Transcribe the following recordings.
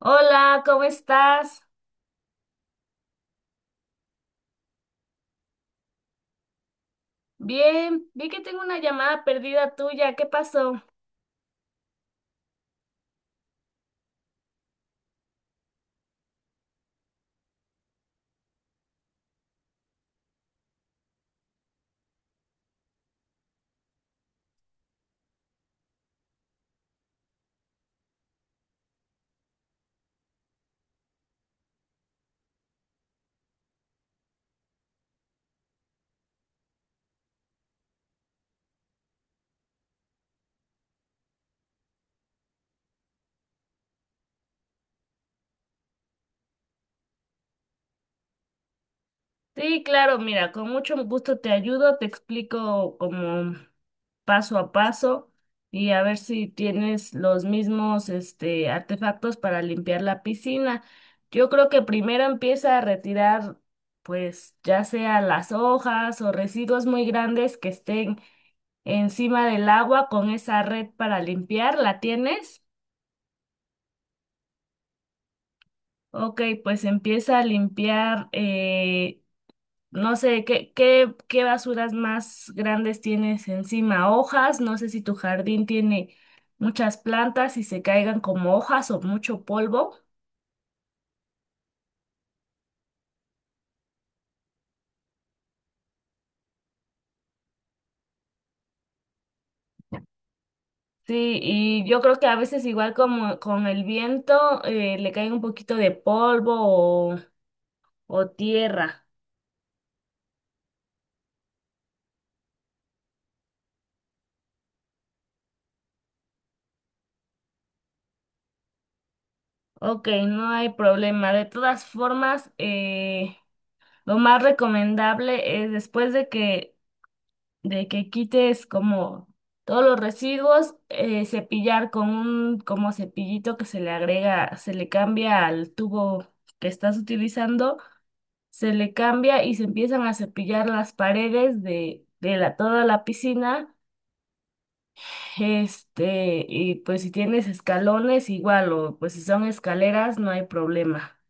Hola, ¿cómo estás? Bien, vi que tengo una llamada perdida tuya. ¿Qué pasó? Sí, claro, mira, con mucho gusto te ayudo, te explico como paso a paso y a ver si tienes los mismos artefactos para limpiar la piscina. Yo creo que primero empieza a retirar, pues ya sea las hojas o residuos muy grandes que estén encima del agua con esa red para limpiar. ¿La tienes? Ok, pues empieza a limpiar, no sé, ¿qué basuras más grandes tienes encima? Hojas, no sé si tu jardín tiene muchas plantas y se caigan como hojas o mucho polvo. Sí, y yo creo que a veces igual como con el viento le cae un poquito de polvo o, o tierra. Ok, no hay problema. De todas formas, lo más recomendable es después de que quites como todos los residuos, cepillar con un como cepillito que se le agrega, se le cambia al tubo que estás utilizando, se le cambia y se empiezan a cepillar las paredes de toda la piscina. Y pues si tienes escalones, igual, o pues si son escaleras, no hay problema.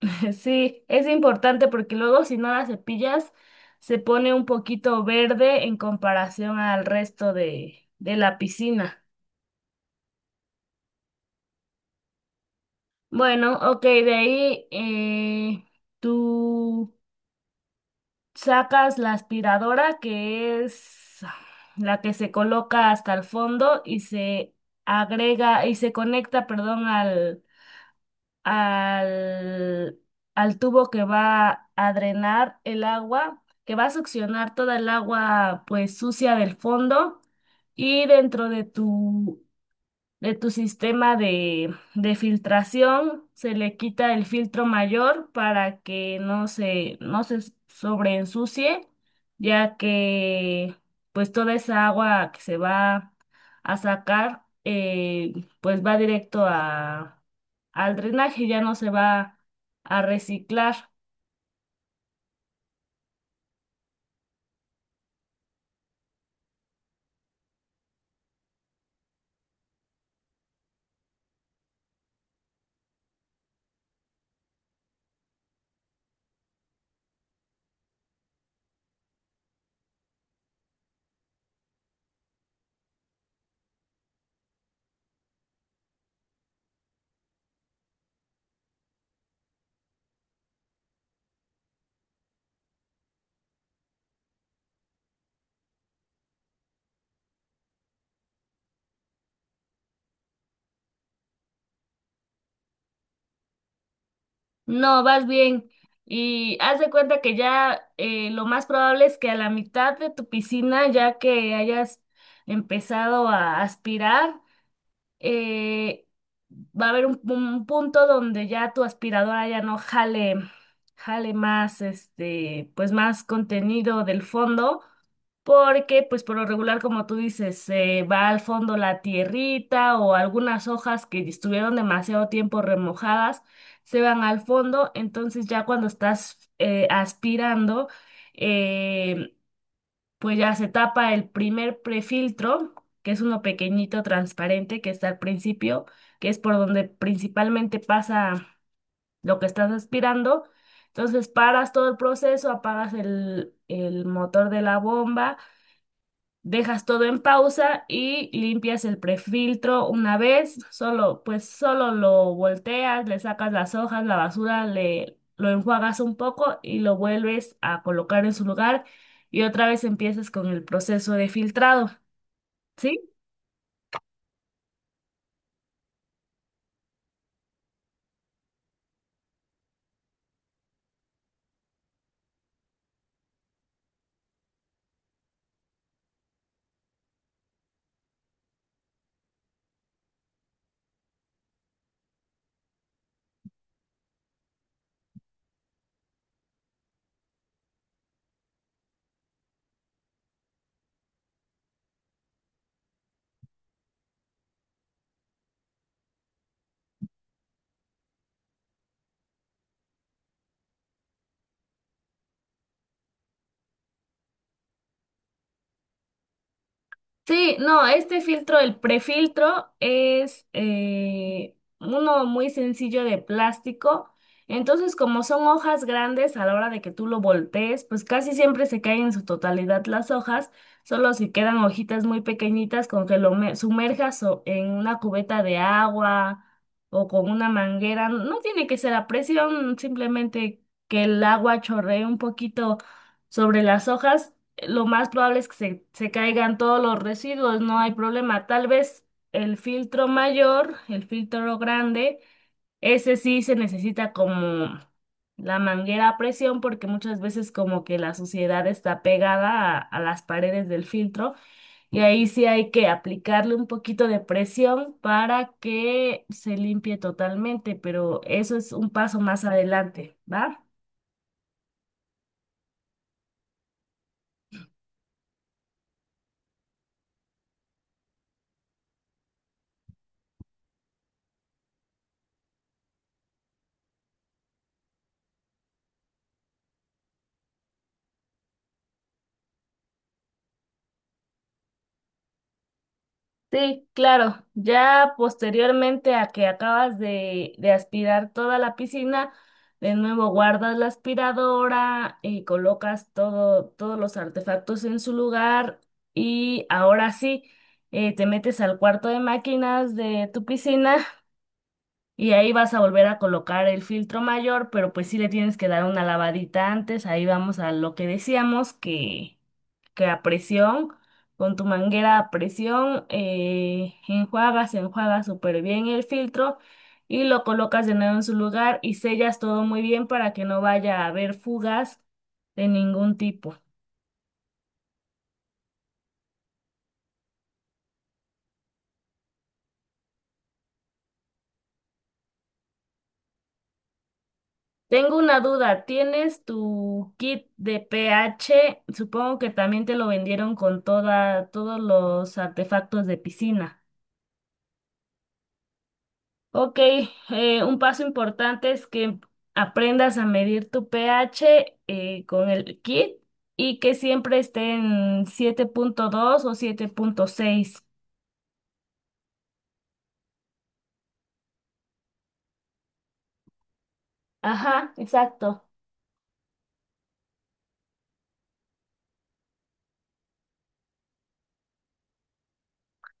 Sí, es importante porque luego si no la cepillas se pone un poquito verde en comparación al resto de la piscina. Bueno, ok, de ahí tú sacas la aspiradora que es la que se coloca hasta el fondo y se agrega y se conecta, perdón, al, al tubo que va a drenar el agua, que va a succionar toda el agua pues sucia del fondo y dentro de tu sistema de filtración, se le quita el filtro mayor para que no se sobreensucie, ya que pues toda esa agua que se va a sacar, pues va directo al drenaje, ya no se va a reciclar. No, vas bien. Y haz de cuenta que ya lo más probable es que a la mitad de tu piscina, ya que hayas empezado a aspirar, eh, va a haber un punto donde ya tu aspiradora ya no jale, jale más, pues más contenido del fondo, porque pues por lo regular, como tú dices, va al fondo la tierrita o algunas hojas que estuvieron demasiado tiempo remojadas, se van al fondo, entonces ya cuando estás aspirando, eh, pues ya se tapa el primer prefiltro, que es uno pequeñito transparente que está al principio, que es por donde principalmente pasa lo que estás aspirando. Entonces paras todo el proceso, apagas el motor de la bomba. Dejas todo en pausa y limpias el prefiltro una vez, solo, pues solo lo volteas, le sacas las hojas, la basura, le lo enjuagas un poco y lo vuelves a colocar en su lugar y otra vez empiezas con el proceso de filtrado, ¿sí? Sí, no, este filtro, el prefiltro, es uno muy sencillo de plástico. Entonces, como son hojas grandes, a la hora de que tú lo voltees, pues casi siempre se caen en su totalidad las hojas, solo si quedan hojitas muy pequeñitas con que lo sumerjas en una cubeta de agua o con una manguera. No tiene que ser a presión, simplemente que el agua chorree un poquito sobre las hojas lo más probable es que se caigan todos los residuos, no hay problema. Tal vez el filtro mayor, el filtro grande, ese sí se necesita como la manguera a presión porque muchas veces como que la suciedad está pegada a las paredes del filtro y ahí sí hay que aplicarle un poquito de presión para que se limpie totalmente, pero eso es un paso más adelante, ¿va? Sí, claro. Ya posteriormente a que acabas de aspirar toda la piscina, de nuevo guardas la aspiradora y colocas todos los artefactos en su lugar y ahora sí te metes al cuarto de máquinas de tu piscina y ahí vas a volver a colocar el filtro mayor, pero pues sí le tienes que dar una lavadita antes. Ahí vamos a lo que decíamos que a presión, con tu manguera a presión, enjuagas súper bien el filtro y lo colocas de nuevo en su lugar y sellas todo muy bien para que no vaya a haber fugas de ningún tipo. Tengo una duda, ¿tienes tu kit de pH? Supongo que también te lo vendieron con todos los artefactos de piscina. Ok, un paso importante es que aprendas a medir tu pH con el kit y que siempre esté en 7.2 o 7.6. Ajá, exacto.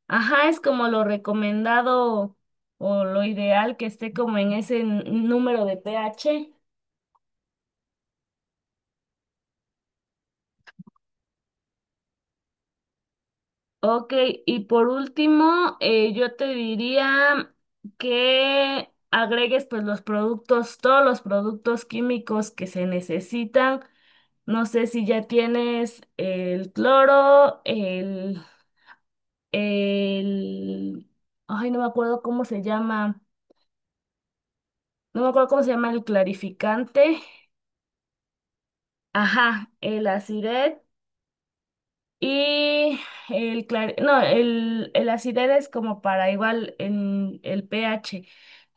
Ajá, es como lo recomendado o lo ideal que esté como en ese número de pH. Ok, y por último, yo te diría que agregues pues los productos, todos los productos químicos que se necesitan. No sé si ya tienes el cloro, el, ay, no me acuerdo cómo se llama, no me acuerdo cómo se llama el clarificante, ajá, el aciret. Y el el acidez es como para igual en el pH,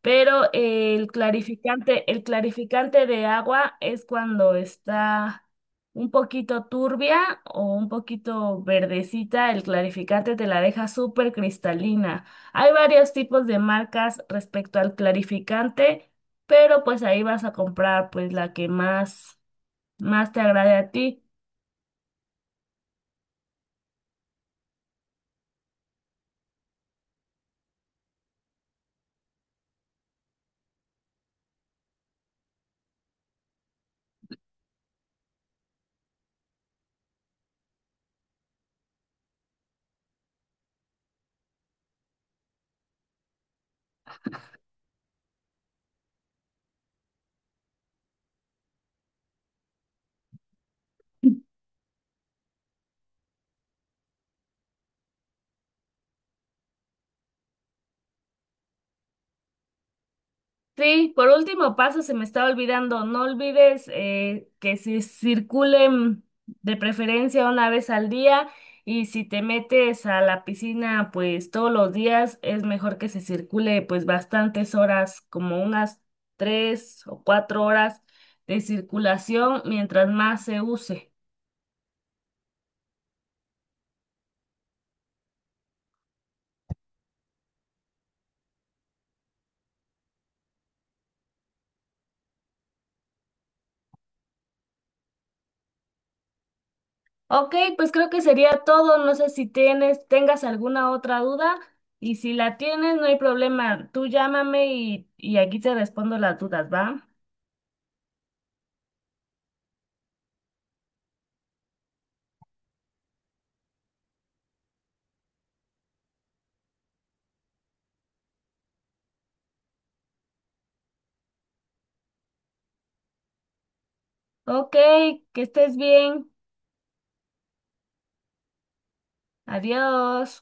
pero el clarificante de agua es cuando está un poquito turbia o un poquito verdecita, el clarificante te la deja súper cristalina. Hay varios tipos de marcas respecto al clarificante, pero pues ahí vas a comprar pues la que más te agrade a ti. Sí, por último paso, se me estaba olvidando, no olvides que si circulen de preferencia una vez al día y si te metes a la piscina pues todos los días es mejor que se circule pues bastantes horas, como unas 3 o 4 horas de circulación mientras más se use. Ok, pues creo que sería todo. No sé si tengas alguna otra duda y si la tienes, no hay problema. Tú llámame y aquí te respondo las dudas, ¿va? Ok, que estés bien. Adiós.